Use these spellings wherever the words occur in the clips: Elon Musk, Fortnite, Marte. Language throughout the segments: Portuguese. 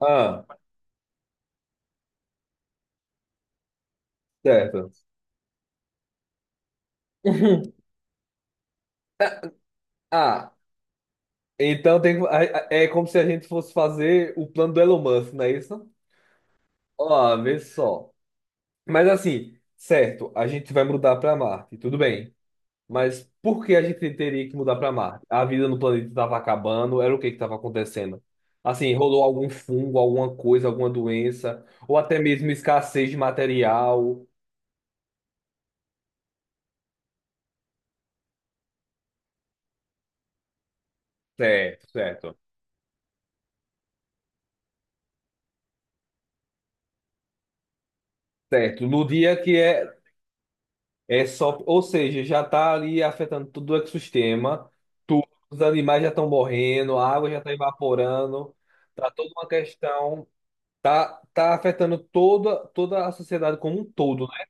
Ah, certo. Ah, então tem, é como se a gente fosse fazer o plano do Elon Musk, não é isso? Ó, vê só. Mas assim, certo, a gente vai mudar para Marte, tudo bem. Mas por que a gente teria que mudar para Marte? A vida no planeta estava acabando, era o que que estava acontecendo? Assim, rolou algum fungo, alguma coisa, alguma doença, ou até mesmo escassez de material. Certo, certo. Certo. No dia que é é só, ou seja, já está ali afetando todo o ecossistema, tudo, os animais já estão morrendo, a água já está evaporando, tá toda uma questão, tá afetando toda a sociedade como um todo, né?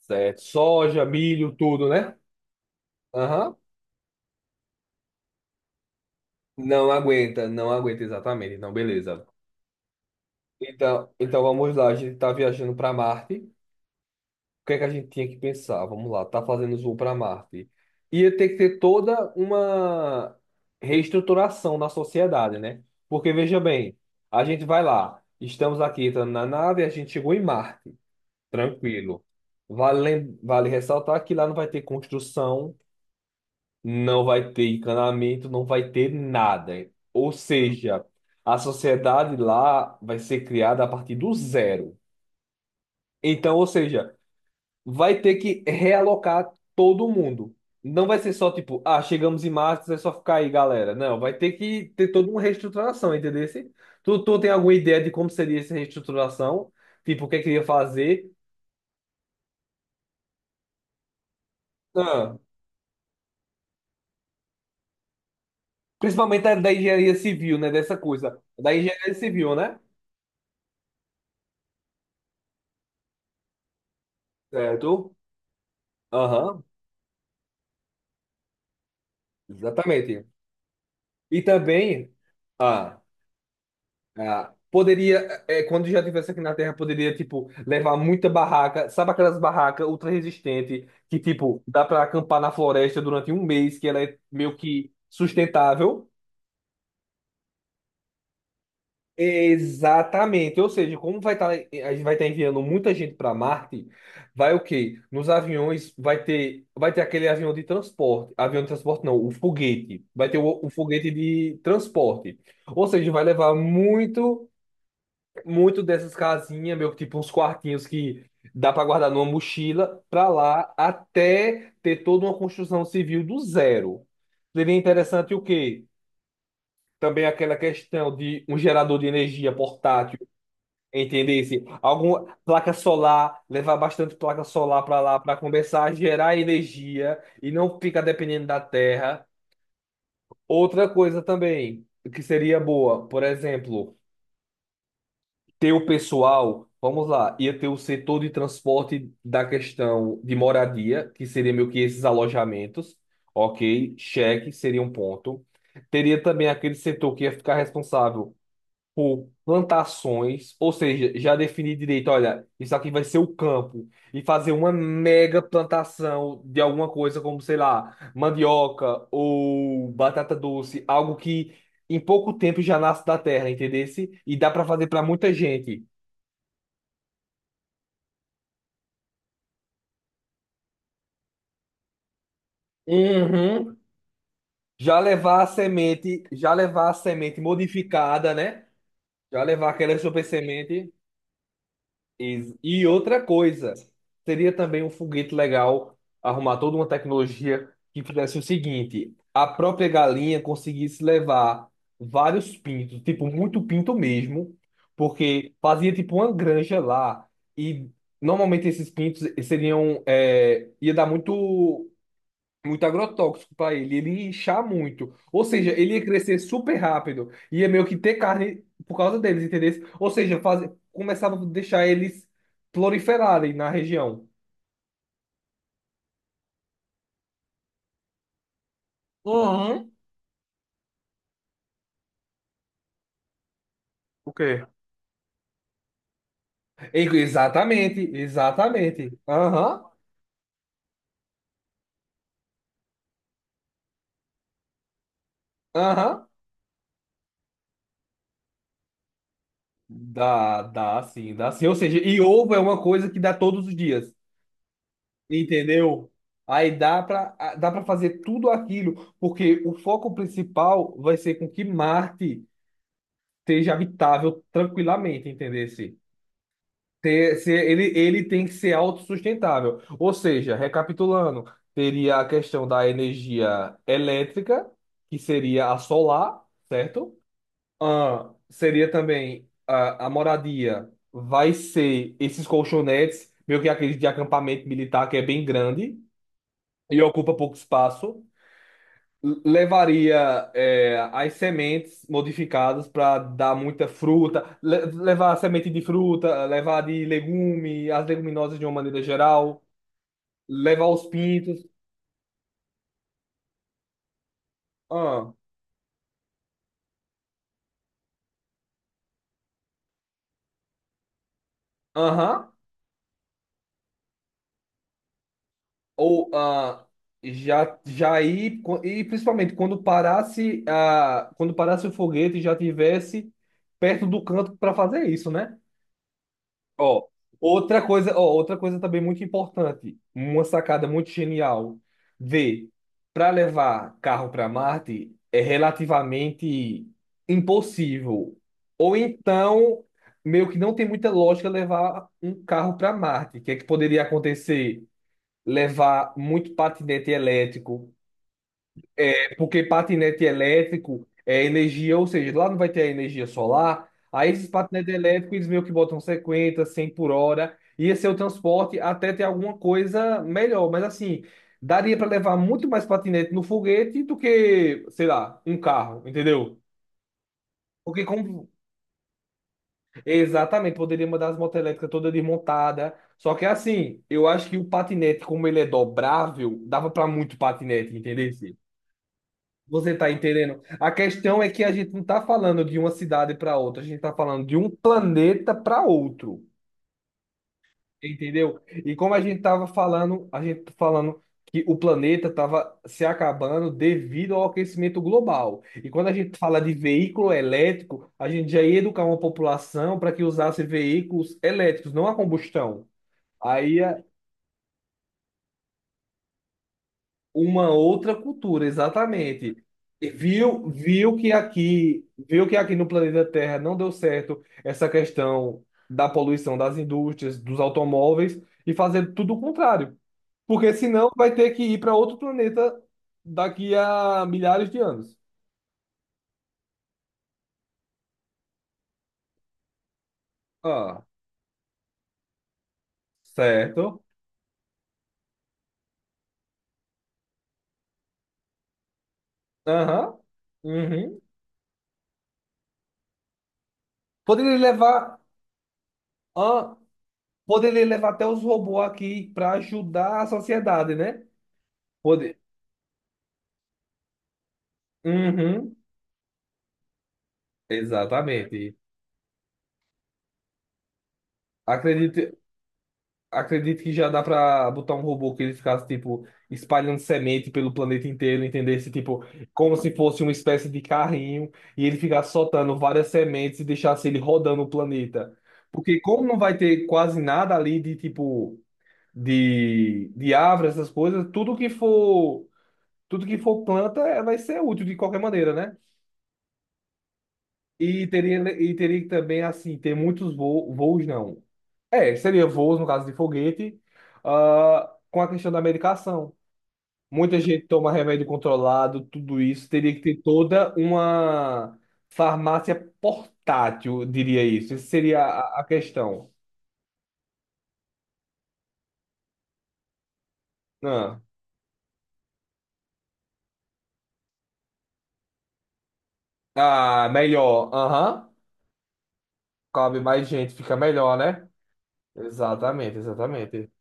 Certo, soja, milho, tudo, né? Aham. Não aguenta exatamente, não, beleza. Então vamos lá, a gente está viajando para Marte. O que é que a gente tinha que pensar? Vamos lá, tá fazendo voo para Marte. Ia ter que ter toda uma reestruturação na sociedade, né? Porque veja bem, a gente vai lá, estamos aqui entrando na nave, a gente chegou em Marte, tranquilo. Vale, vale ressaltar que lá não vai ter construção, não vai ter encanamento, não vai ter nada. Ou seja, a sociedade lá vai ser criada a partir do zero. Então, ou seja, vai ter que realocar todo mundo. Não vai ser só tipo, ah, chegamos em março, é só ficar aí, galera. Não, vai ter que ter toda uma reestruturação, entendeu? Tu tem alguma ideia de como seria essa reestruturação? Tipo, o que é que ia fazer? Ah, principalmente da engenharia civil, né? Dessa coisa. Da engenharia civil, né? Certo? Aham, exatamente. E também. Ah. Ah, poderia, é, quando já tivesse aqui na Terra, poderia, tipo, levar muita barraca. Sabe aquelas barracas ultra resistentes que, tipo, dá pra acampar na floresta durante um mês, que ela é meio que sustentável? Exatamente. Ou seja, como vai estar, a gente vai estar enviando muita gente para Marte, vai o quê? Nos aviões vai ter aquele avião de transporte. Avião de transporte não, o foguete. Vai ter o foguete de transporte. Ou seja, vai levar muito. Muito dessas casinhas, meio tipo uns quartinhos que dá para guardar numa mochila, para lá até ter toda uma construção civil do zero. Seria interessante o quê? Também aquela questão de um gerador de energia portátil, entendesse? Alguma placa solar, levar bastante placa solar para lá para começar a gerar energia e não ficar dependendo da terra. Outra coisa também que seria boa, por exemplo, ter o pessoal, vamos lá, ia ter o setor de transporte da questão de moradia, que seria meio que esses alojamentos, ok? Cheque seria um ponto. Teria também aquele setor que ia ficar responsável por plantações, ou seja, já definir direito, olha, isso aqui vai ser o campo, e fazer uma mega plantação de alguma coisa, como, sei lá, mandioca ou batata doce, algo que em pouco tempo já nasce da terra, entendesse? E dá para fazer para muita gente. Uhum. Já levar a semente, já levar a semente modificada, né? Já levar aquela super semente. E outra coisa, seria também um foguete legal arrumar toda uma tecnologia que fizesse o seguinte: a própria galinha conseguisse levar vários pintos, tipo, muito pinto mesmo, porque fazia tipo uma granja lá. E normalmente esses pintos seriam, é, ia dar muito. Muito agrotóxico para ele, ele ia inchar muito. Ou seja, ele ia crescer super rápido, ia meio que ter carne por causa deles, entendeu? Ou seja, faz... começava a deixar eles proliferarem na região. Uhum. O quê? Exatamente, exatamente. Aham, aham. Dá, dá sim, dá sim. Ou seja, e ovo é uma coisa que dá todos os dias, entendeu? Aí dá pra fazer tudo aquilo, porque o foco principal vai ser com que Marte seja habitável tranquilamente, entendesse? Ter, se ele, ele tem que ser autossustentável. Ou seja, recapitulando, teria a questão da energia elétrica, que seria a solar, certo? Ah, seria também a moradia, vai ser esses colchonetes, meio que aqueles de acampamento militar que é bem grande e ocupa pouco espaço. Levaria é, as sementes modificadas para dar muita fruta, levar semente de fruta, levar de legume, as leguminosas de uma maneira geral, levar os pintos, ah, aham, ou ah, já já e principalmente quando parasse a quando parasse o foguete já tivesse perto do canto para fazer isso, né? Ó, ó, outra coisa também muito importante, uma sacada muito genial de para levar carro para Marte é relativamente impossível. Ou então, meio que não tem muita lógica levar um carro para Marte. O que é que poderia acontecer? Levar muito patinete elétrico, porque patinete elétrico é energia, ou seja, lá não vai ter energia solar. Aí esses patinetes elétricos, eles meio que botam 50, 100 por hora. Ia ser o transporte até ter alguma coisa melhor. Mas assim, daria para levar muito mais patinete no foguete do que, sei lá, um carro, entendeu? Porque como... Exatamente, poderia mandar as motos elétricas toda desmontada. Só que assim, eu acho que o patinete, como ele é dobrável, dava para muito patinete, entendeu? Você está entendendo? A questão é que a gente não está falando de uma cidade para outra, a gente está falando de um planeta para outro, entendeu? E como a gente estava falando, a gente tá falando que o planeta estava se acabando devido ao aquecimento global. E quando a gente fala de veículo elétrico, a gente já ia educar uma população para que usasse veículos elétricos, não a combustão. Aí uma outra cultura, exatamente. E viu, viu que aqui no planeta Terra não deu certo essa questão da poluição das indústrias, dos automóveis e fazer tudo o contrário, porque senão vai ter que ir para outro planeta daqui a milhares de anos. Ah, certo. Aham. Uhum. Poderia levar, ah, poderia levar até os robôs aqui para ajudar a sociedade, né? Poder. Uhum. Exatamente. Acredito, acredito que já dá pra botar um robô que ele ficasse, tipo, espalhando semente pelo planeta inteiro, entendesse, tipo, como se fosse uma espécie de carrinho e ele ficasse soltando várias sementes e deixasse ele rodando o planeta. Porque como não vai ter quase nada ali de, tipo, de árvore, essas coisas, tudo que for planta eh, vai ser útil de qualquer maneira, né? E teria que também, assim, ter muitos voos, voos não. É, seria voos, no caso de foguete, ah, com a questão da medicação. Muita gente toma remédio controlado, tudo isso. Teria que ter toda uma farmácia portátil, eu diria isso. Essa seria a questão. Ah, ah, melhor. Aham. Cabe mais gente, fica melhor, né? Exatamente, exatamente.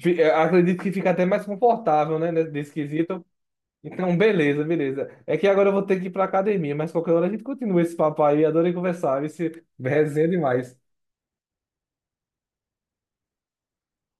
Acredito que fica até mais confortável, né, nesse nesse quesito. Então, beleza, beleza. É que agora eu vou ter que ir pra academia, mas qualquer hora a gente continua esse papo aí. Adorei conversar, esse resenha é demais.